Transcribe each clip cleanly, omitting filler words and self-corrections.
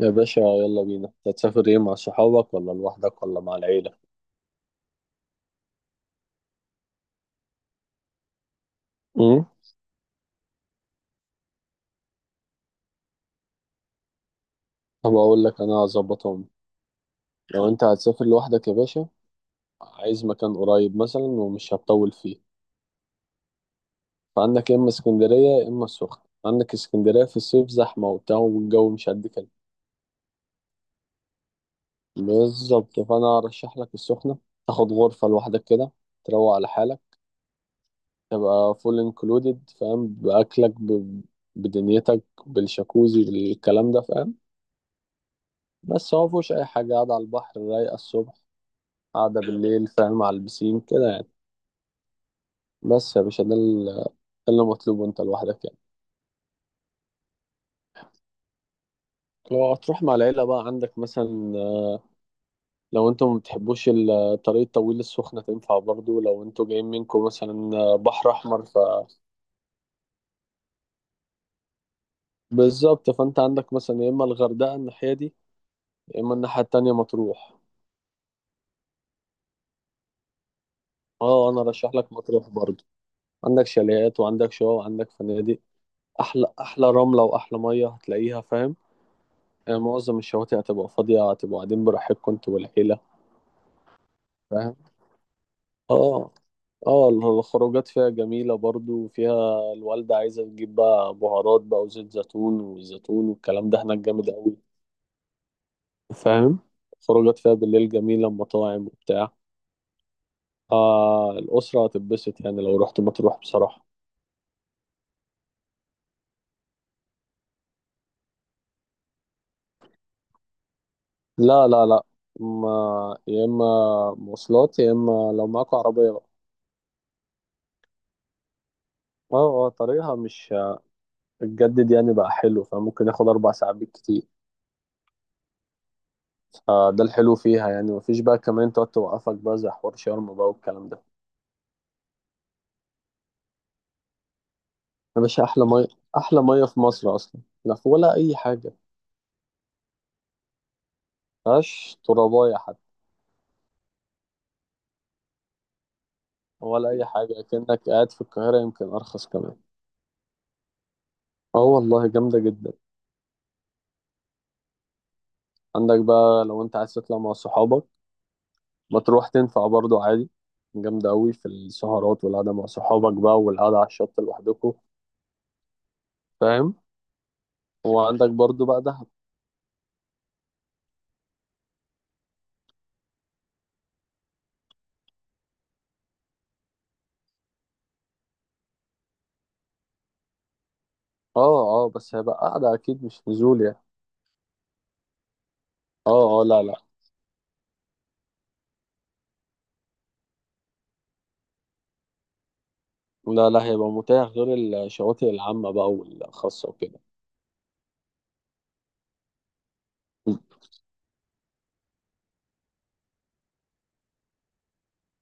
يا باشا، يلا بينا. أنت هتسافر ايه، مع صحابك ولا لوحدك ولا مع العيلة؟ امم. طب اقول لك انا هظبطهم. لو انت هتسافر لوحدك يا باشا عايز مكان قريب مثلا ومش هتطول فيه. فعندك يا اما اسكندرية يا اما السخنة. عندك اسكندرية في الصيف زحمة وبتاع والجو مش قد كده. بالظبط، فانا ارشح لك السخنة. تاخد غرفة لوحدك كده، تروق على حالك، تبقى فول انكلودed، فاهم؟ باكلك بدنيتك، بالشاكوزي، بالكلام ده، فاهم؟ بس هو مفيهوش أي حاجة، قاعدة على البحر رايقة الصبح، قاعدة بالليل، فاهم، على البسين كده يعني. بس يا باشا ده اللي مطلوب، وأنت لوحدك يعني. لو هتروح مع العيلة بقى عندك مثلا، لو انتوا ما بتحبوش الطريق الطويل، السخنة تنفع برضو لو انتوا جايين منكم مثلا بحر أحمر. بالظبط، فأنت عندك مثلا يا إما الغردقة الناحية دي يا إما الناحية التانية مطروح. اه، أنا رشح لك مطروح برضو. عندك شاليهات وعندك شقق وعندك فنادق. أحلى أحلى رملة وأحلى مية هتلاقيها، فاهم؟ آه، معظم الشواطئ هتبقى فاضية، هتبقوا قاعدين براحتكم انتوا والعيلة. فاهم. اه، اه، الخروجات فيها جميلة برضو، فيها الوالدة عايزة تجيب بقى بهارات بقى وزيت زيتون والزيتون والكلام ده هناك جامد أوي. فاهم. خروجات فيها بالليل جميلة، مطاعم وبتاع. آه، الأسرة هتتبسط يعني لو رحت مطروح بصراحة. لا لا لا. ما، يا إما مواصلات يا إما لو معاكوا عربية بقى. اه، اه، طريقها مش هتجدد يعني بقى حلو، فممكن ياخد 4 ساعات بالكتير. فده الحلو فيها يعني، مفيش بقى كمان تقعد توقفك بقى زي حوار شرم بقى والكلام ده. يا باشا، أحلى مية. أحلى مية في مصر أصلا، لا في ولا أي حاجة. مفيهاش تراباية حتى. ولا أي حاجة، كأنك قاعد في القاهرة. يمكن أرخص كمان. اه، والله جامدة جدا. عندك بقى لو أنت عايز تطلع مع صحابك، ما تروح تنفع برضه عادي. جامدة أوي في السهرات والقعدة مع صحابك بقى والقعدة على الشط لوحدكوا. فاهم. وعندك برضه بقى دهب. اه، اه، بس هيبقى قعدة أكيد مش نزول يعني. اه، اه، لا لا لا. لا، هيبقى متاح غير الشواطئ العامة بقى والخاصة وكده.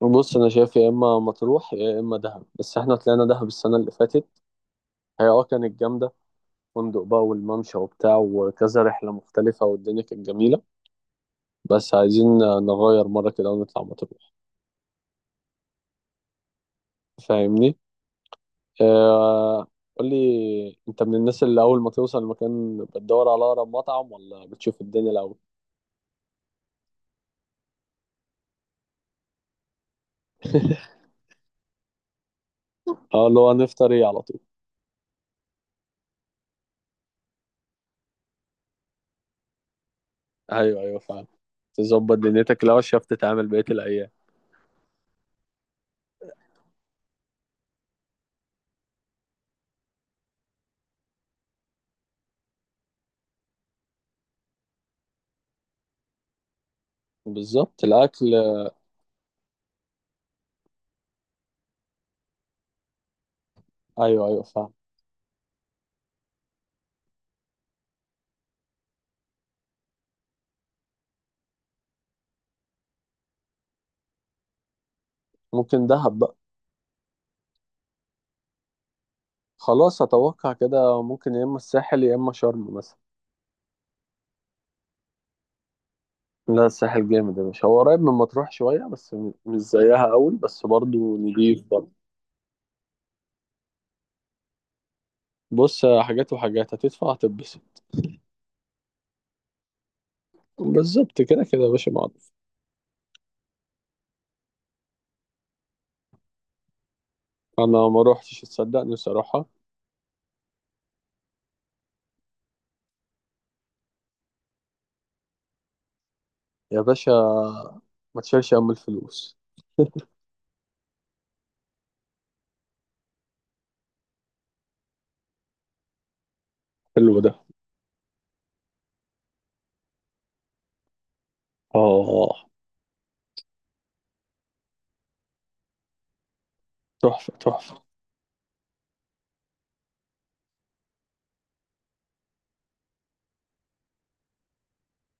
بص، انا شايف يا اما مطروح يا اما دهب، بس احنا طلعنا دهب السنة اللي فاتت. هي كانت جامدة. فندق بقى والممشى وبتاع وكذا رحلة مختلفة والدنيا كانت جميلة. بس عايزين نغير مرة كده ونطلع مطروح، فاهمني؟ آه. قول لي، انت من الناس اللي اول ما توصل المكان بتدور على اقرب مطعم، ولا بتشوف الدنيا الاول؟ اه، اللي هو نفطر ايه على طول. ايوه، ايوه، فعلا. تظبط دنيتك لو عرفت تتعامل بقية الأيام. بالظبط، الأكل. أيوه، أيوه، فعلا. ممكن دهب بقى. خلاص، أتوقع كده ممكن يا إما الساحل يا إما شرم مثلا. لا، الساحل جامد يا باشا. هو قريب من مطروح شوية بس مش زيها أوي، بس برضه نضيف برضه. بص، حاجات وحاجات هتدفع هتتبسط. بالظبط، كده كده يا باشا معروف. أنا ما روحتش تصدقني صراحة. يا باشا، ما تشيلش هم الفلوس. حلو ده. آه. تحفة تحفة.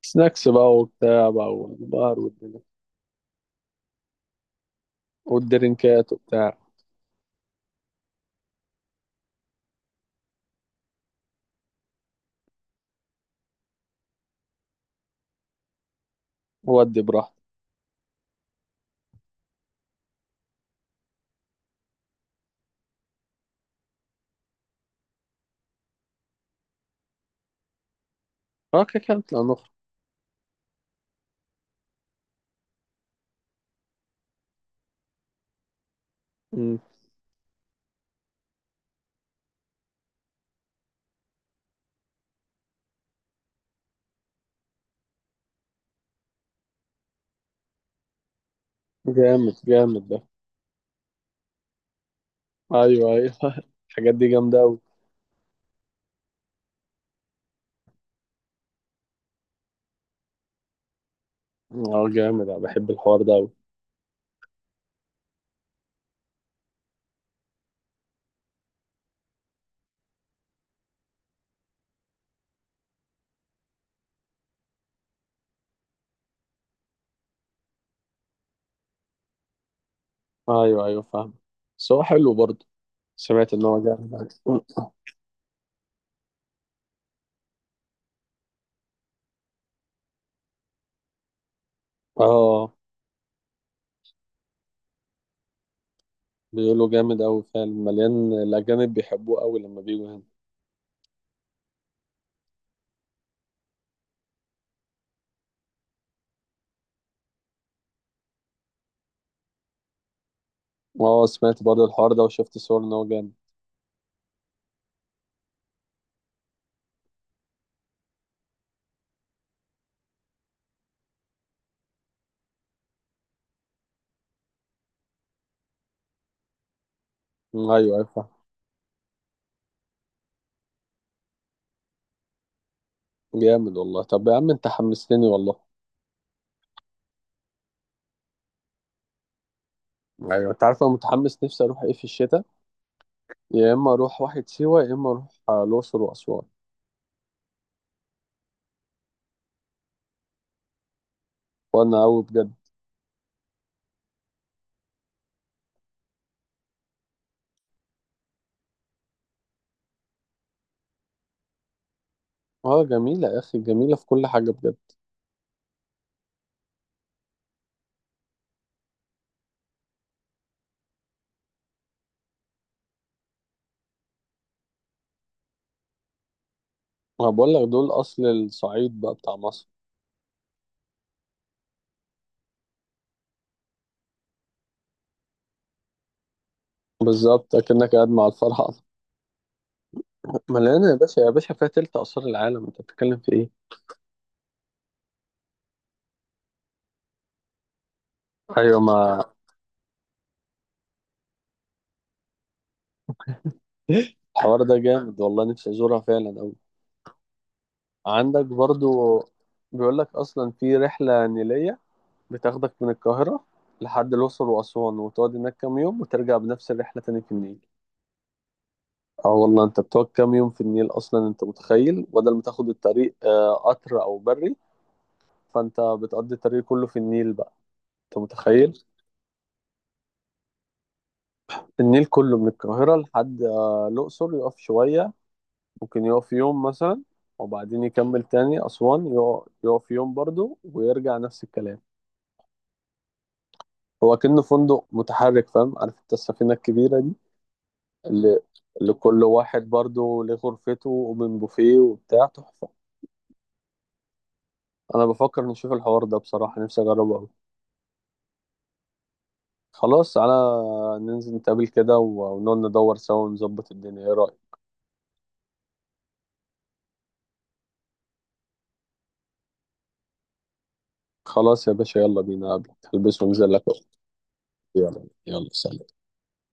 سناكس بقى وبتاع بقى والبار والدنيا والدرينكات وبتاع. ودي براحتك. اه، كده كده نطلع نخرج. مم. جامد جامد ده. ايوه، ايوه. الحاجات دي جامده قوي. اه، جامد. انا بحب الحوار ده قوي. ايوه، ايوه، فاهم. بس هو حلو برضه. سمعت ان هو جامد أوي. اه، بيقولوا جامد قوي فعلا. مليان، الاجانب بيحبوه قوي لما بيجوا هنا. اه، سمعت برضه الحوار ده وشفت صور ان هو جامد. ايوه، ايوه، فاهم. جامد والله. طب يا عم انت حمستني والله. ايوه، انت عارف انا متحمس نفسي اروح ايه في الشتاء؟ يا اما اروح واحد سيوه، يا اما اروح الاقصر واسوان. وانا قوي بجد. اه، جميله يا اخي، جميله في كل حاجه بجد. ما بقول لك دول اصل الصعيد بقى بتاع مصر. بالظبط، اكنك قاعد مع الفراعنه. مليانه يا باشا. يا باشا، فيها تلت اثار العالم، انت بتتكلم في ايه؟ ايوه، ما الحوار ده جامد والله. نفسي ازورها فعلا قوي. عندك برضو، بيقول لك اصلا في رحله نيليه بتاخدك من القاهرة لحد الأقصر وأسوان، وتقعد هناك كام يوم وترجع بنفس الرحلة تاني في النيل. اه، والله انت بتقعد كام يوم في النيل أصلا، انت متخيل؟ بدل ما تاخد الطريق قطر أو بري، فانت بتقضي الطريق كله في النيل بقى. انت متخيل. النيل كله من القاهرة لحد الأقصر، يقف شوية، ممكن يقف يوم مثلا، وبعدين يكمل تاني أسوان، يقف يوم برضه ويرجع نفس الكلام. هو كأنه فندق متحرك، فاهم؟ عارف انت السفينة الكبيرة دي؟ ل... لكل واحد برضو ليه غرفته ومن بوفيه وبتاع، تحفة. أنا بفكر نشوف الحوار ده بصراحة، نفسي أجربه أوي. خلاص تعالى ننزل نتقابل كده ونقعد ندور سوا ونظبط الدنيا، إيه رأيك؟ خلاص يا باشا، يلا بينا. قبلك هلبس وانزل لك أهو. يلا يلا، سلام.